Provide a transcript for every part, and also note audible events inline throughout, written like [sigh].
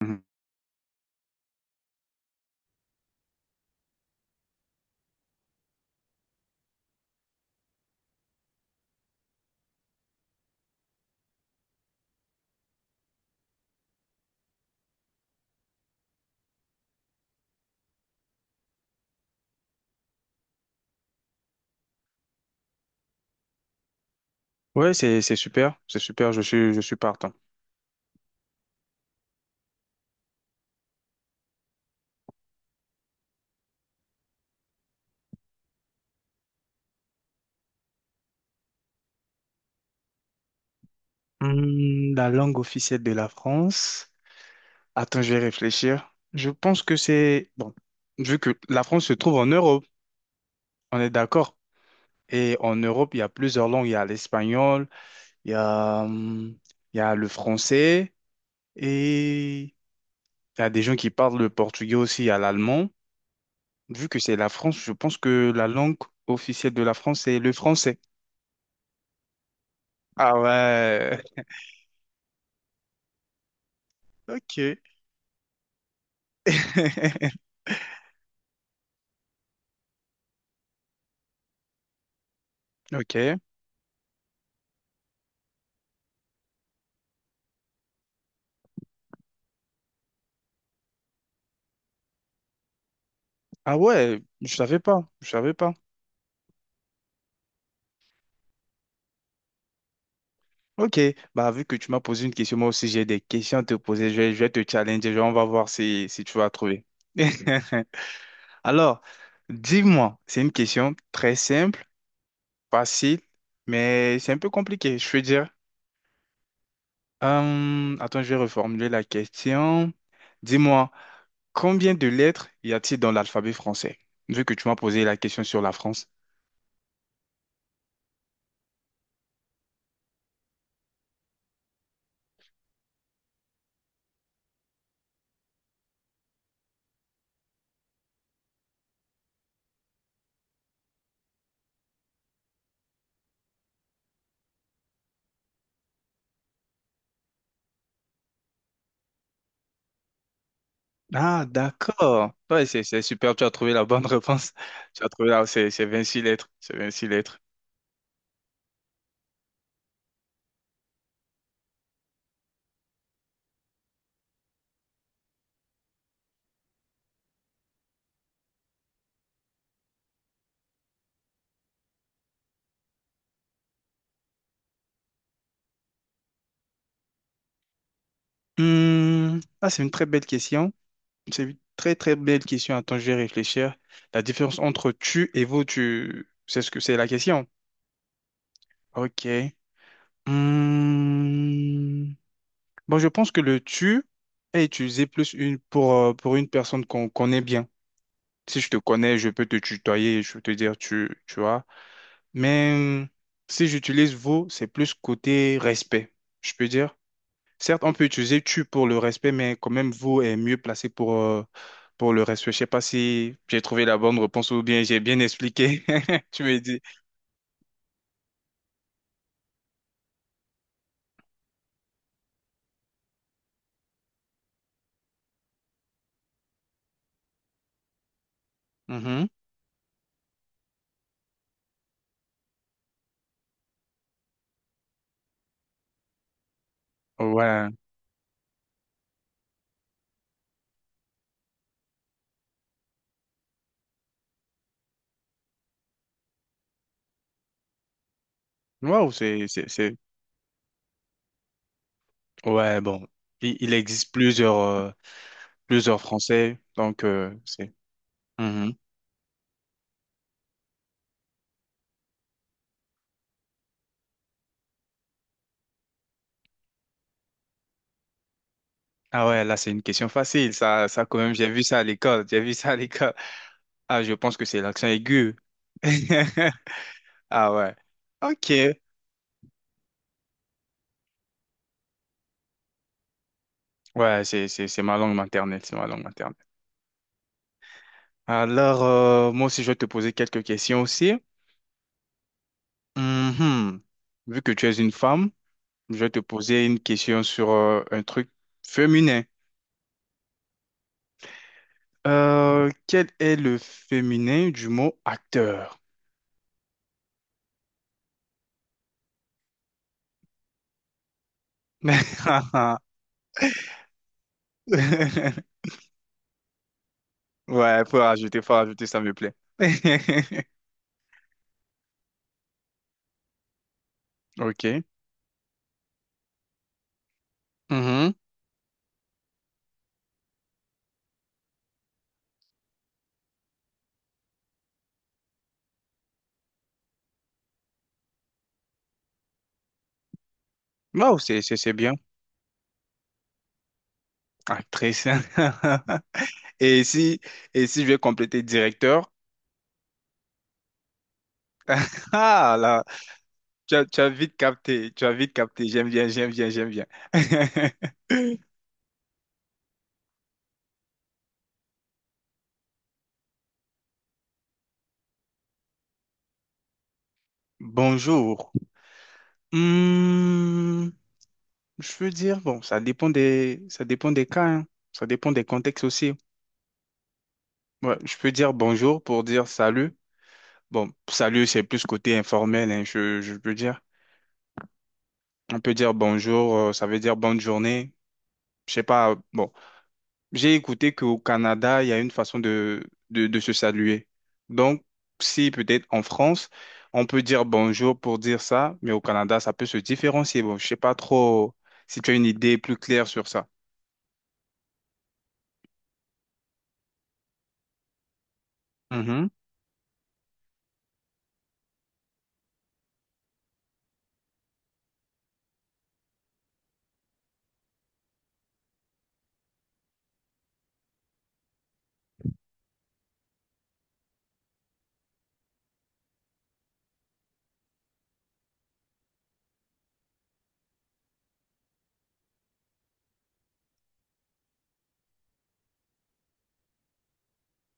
Mhm. Ouais, c'est super, c'est super, je suis partant. Hmm, la langue officielle de la France. Attends, je vais réfléchir. Je pense que c'est bon, vu que la France se trouve en Europe, on est d'accord. Et en Europe, il y a plusieurs langues, il y a l'espagnol, il y a hum, il y a le français et il y a des gens qui parlent le portugais aussi, il y a l'allemand. Vu que c'est la France, je pense que la langue officielle de la France, c'est le français. Ah ouais. [laughs] Ok. [laughs] Ok. Ah ouais, je savais pas, je savais pas. Ok, bah vu que tu m'as posé une question, moi aussi j'ai des questions à te poser, je vais te challenger, genre, on va voir si, si tu vas trouver. [laughs] Alors, dis-moi, c'est une question très simple, facile, mais c'est un peu compliqué, je veux dire. Attends, je vais reformuler la question. Dis-moi, combien de lettres y a-t-il dans l'alphabet français? Vu que tu m'as posé la question sur la France. Ah, d'accord. Ouais, c'est super, tu as trouvé la bonne réponse. [laughs] Tu as trouvé là, c'est 26 lettres. C'est 26 lettres. Hmm, ah, c'est une très belle question. C'est une très, très belle question. Attends, je vais réfléchir. La différence entre tu et vous, tu, c'est ce que c'est la question. Ok. Hmm, bon, je pense que le tu est utilisé plus une pour une personne qu'on connaît bien. Si je te connais, je peux te tutoyer, je peux te dire tu, tu vois. Mais si j'utilise vous, c'est plus côté respect, je peux dire. Certes, on peut utiliser tu pour le respect, mais quand même vous est mieux placé pour le respect. Je sais pas si j'ai trouvé la bonne réponse ou bien j'ai bien expliqué. [laughs] Tu me dis. Mhm. Ouais. Waouh, c'est... Ouais, bon. Il existe plusieurs, plusieurs français, donc c'est... Mhm. Ah ouais, là, c'est une question facile. Ça quand même, j'ai vu ça à l'école. J'ai vu ça à l'école. Ah, je pense que c'est l'accent aigu. [laughs] Ah ouais. Ok. Ouais, c'est ma langue maternelle, c'est ma langue maternelle. Alors, moi aussi, je vais te poser quelques questions aussi. Mhm. Vu que tu es une femme, je vais te poser une question sur un truc féminin. Quel est le féminin du mot acteur? [laughs] Ouais, faut rajouter, ça me plaît. [laughs] Ok. Mhm. Wow, c'est bien. Actrice. [laughs] Et si, et si je vais compléter directeur, [laughs] ah là, tu as vite capté, tu as vite capté, j'aime bien, j'aime bien, j'aime bien. [laughs] Bonjour. Hmm, je peux dire, bon, ça dépend des cas, hein. Ça dépend des contextes aussi. Ouais, je peux dire bonjour pour dire salut. Bon, salut, c'est plus côté informel, hein, je peux dire. On peut dire bonjour, ça veut dire bonne journée. Je sais pas, bon. J'ai écouté qu'au Canada, il y a une façon de, de se saluer. Donc, si peut-être en France, on peut dire bonjour pour dire ça, mais au Canada, ça peut se différencier. Bon, je sais pas trop si tu as une idée plus claire sur ça. Mhm.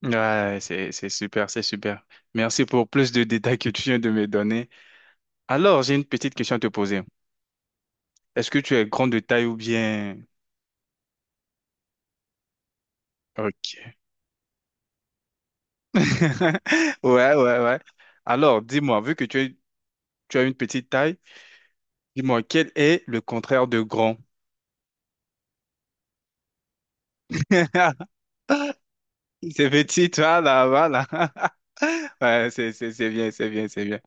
Ouais, c'est super, c'est super. Merci pour plus de détails que tu viens de me donner. Alors, j'ai une petite question à te poser. Est-ce que tu es grande de taille ou bien... Ok. [laughs] Ouais, ouais, ouais. Alors, dis-moi, vu que tu es- tu as une petite taille. Dis-moi, quel est le contraire de grand? [laughs] C'est petit, toi, là, voilà. [laughs] Ouais, c'est bien, c'est bien, c'est bien.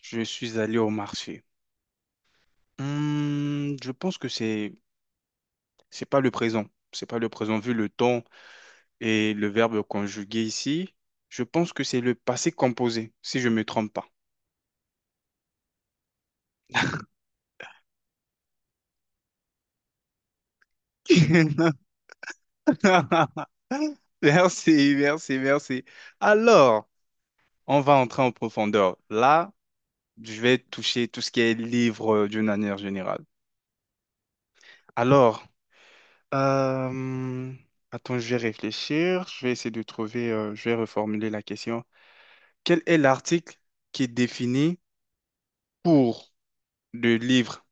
Je suis allé au marché. Hmm, je pense que c'est pas le présent. C'est pas le présent vu le temps. Et le verbe conjugué ici, je pense que c'est le passé composé, si je ne me trompe pas. [laughs] Merci, merci, merci. Alors, on va entrer en profondeur. Là, je vais toucher tout ce qui est livre d'une manière générale. Alors, euh, je vais réfléchir. Je vais essayer de trouver, Je vais reformuler la question. Quel est l'article qui est défini pour le livre?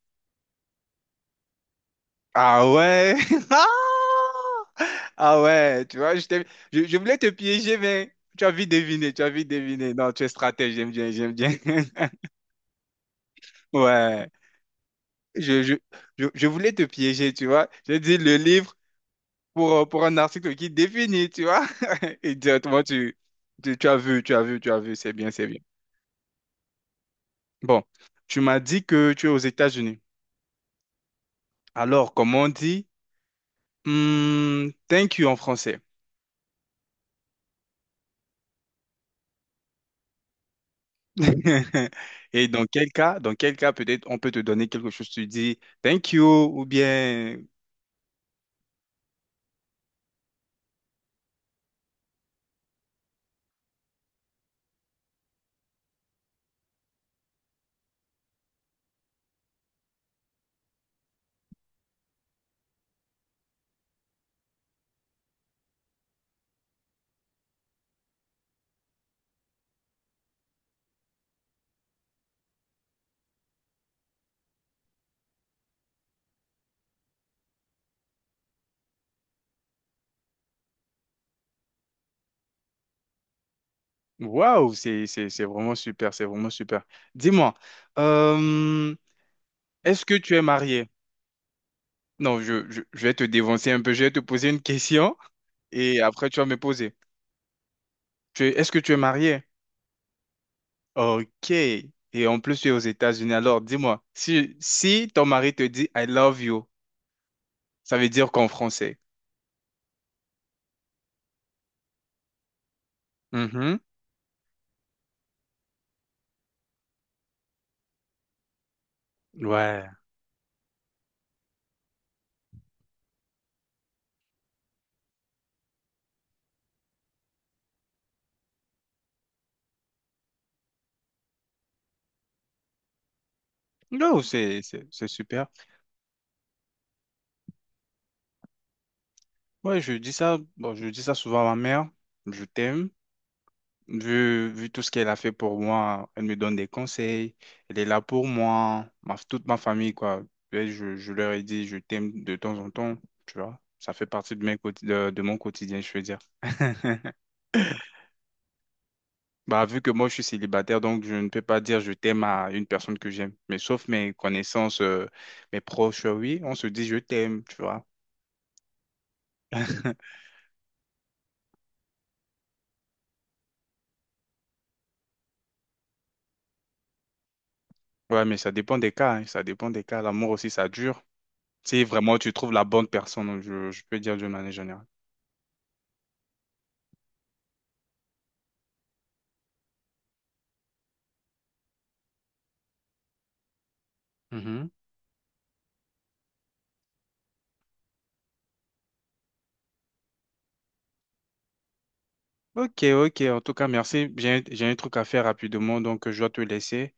Ah ouais! [laughs] Ah ah ouais, je voulais te piéger, mais tu as vite deviné, tu as vite deviné. Non, tu es stratège, j'aime bien, j'aime bien. [laughs] Ouais, je, je, je voulais te piéger, tu vois. J'ai dit le livre pour un article qui définit, tu vois. [laughs] Et directement, tu as vu, tu as vu, tu as vu, c'est bien, c'est bien. Bon, tu m'as dit que tu es aux États-Unis. Alors, comment on dit? Hmm, thank you en français. [laughs] Et dans quel cas peut-être on peut te donner quelque chose, tu dis thank you ou bien waouh, c'est vraiment super, c'est vraiment super. Dis-moi, euh, est-ce que tu es marié? Non, je vais te dévancer un peu, je vais te poser une question et après tu vas me poser. Est-ce que tu es marié? Ok. Et en plus tu es aux États-Unis, alors dis-moi, si si ton mari te dit I love you, ça veut dire qu'en français. Mhm. Ouais. Non, c'est super. Ouais, je dis ça, bon, je dis ça souvent à ma mère, je t'aime, vu tout ce qu'elle a fait pour moi, elle me donne des conseils, elle est là pour moi, ma, toute ma famille, quoi. Et je leur ai dit, je t'aime de temps en temps, tu vois, ça fait partie de, de mon quotidien, je veux dire. [laughs] Bah, vu que moi, je suis célibataire, donc je ne peux pas dire je t'aime à une personne que j'aime, mais sauf mes connaissances, mes proches, oui, on se dit je t'aime, tu vois. [laughs] Ouais, mais ça dépend des cas, hein, ça dépend des cas, l'amour aussi, ça dure. Si vraiment tu trouves la bonne personne, donc je peux dire d'une manière générale. Mhm. Ok, ok. En tout cas, merci. J'ai un truc à faire rapidement, donc je dois te laisser.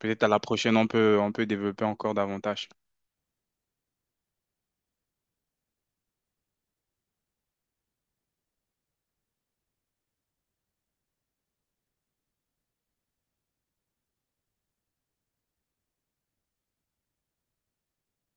Peut-être à la prochaine, on peut développer encore davantage.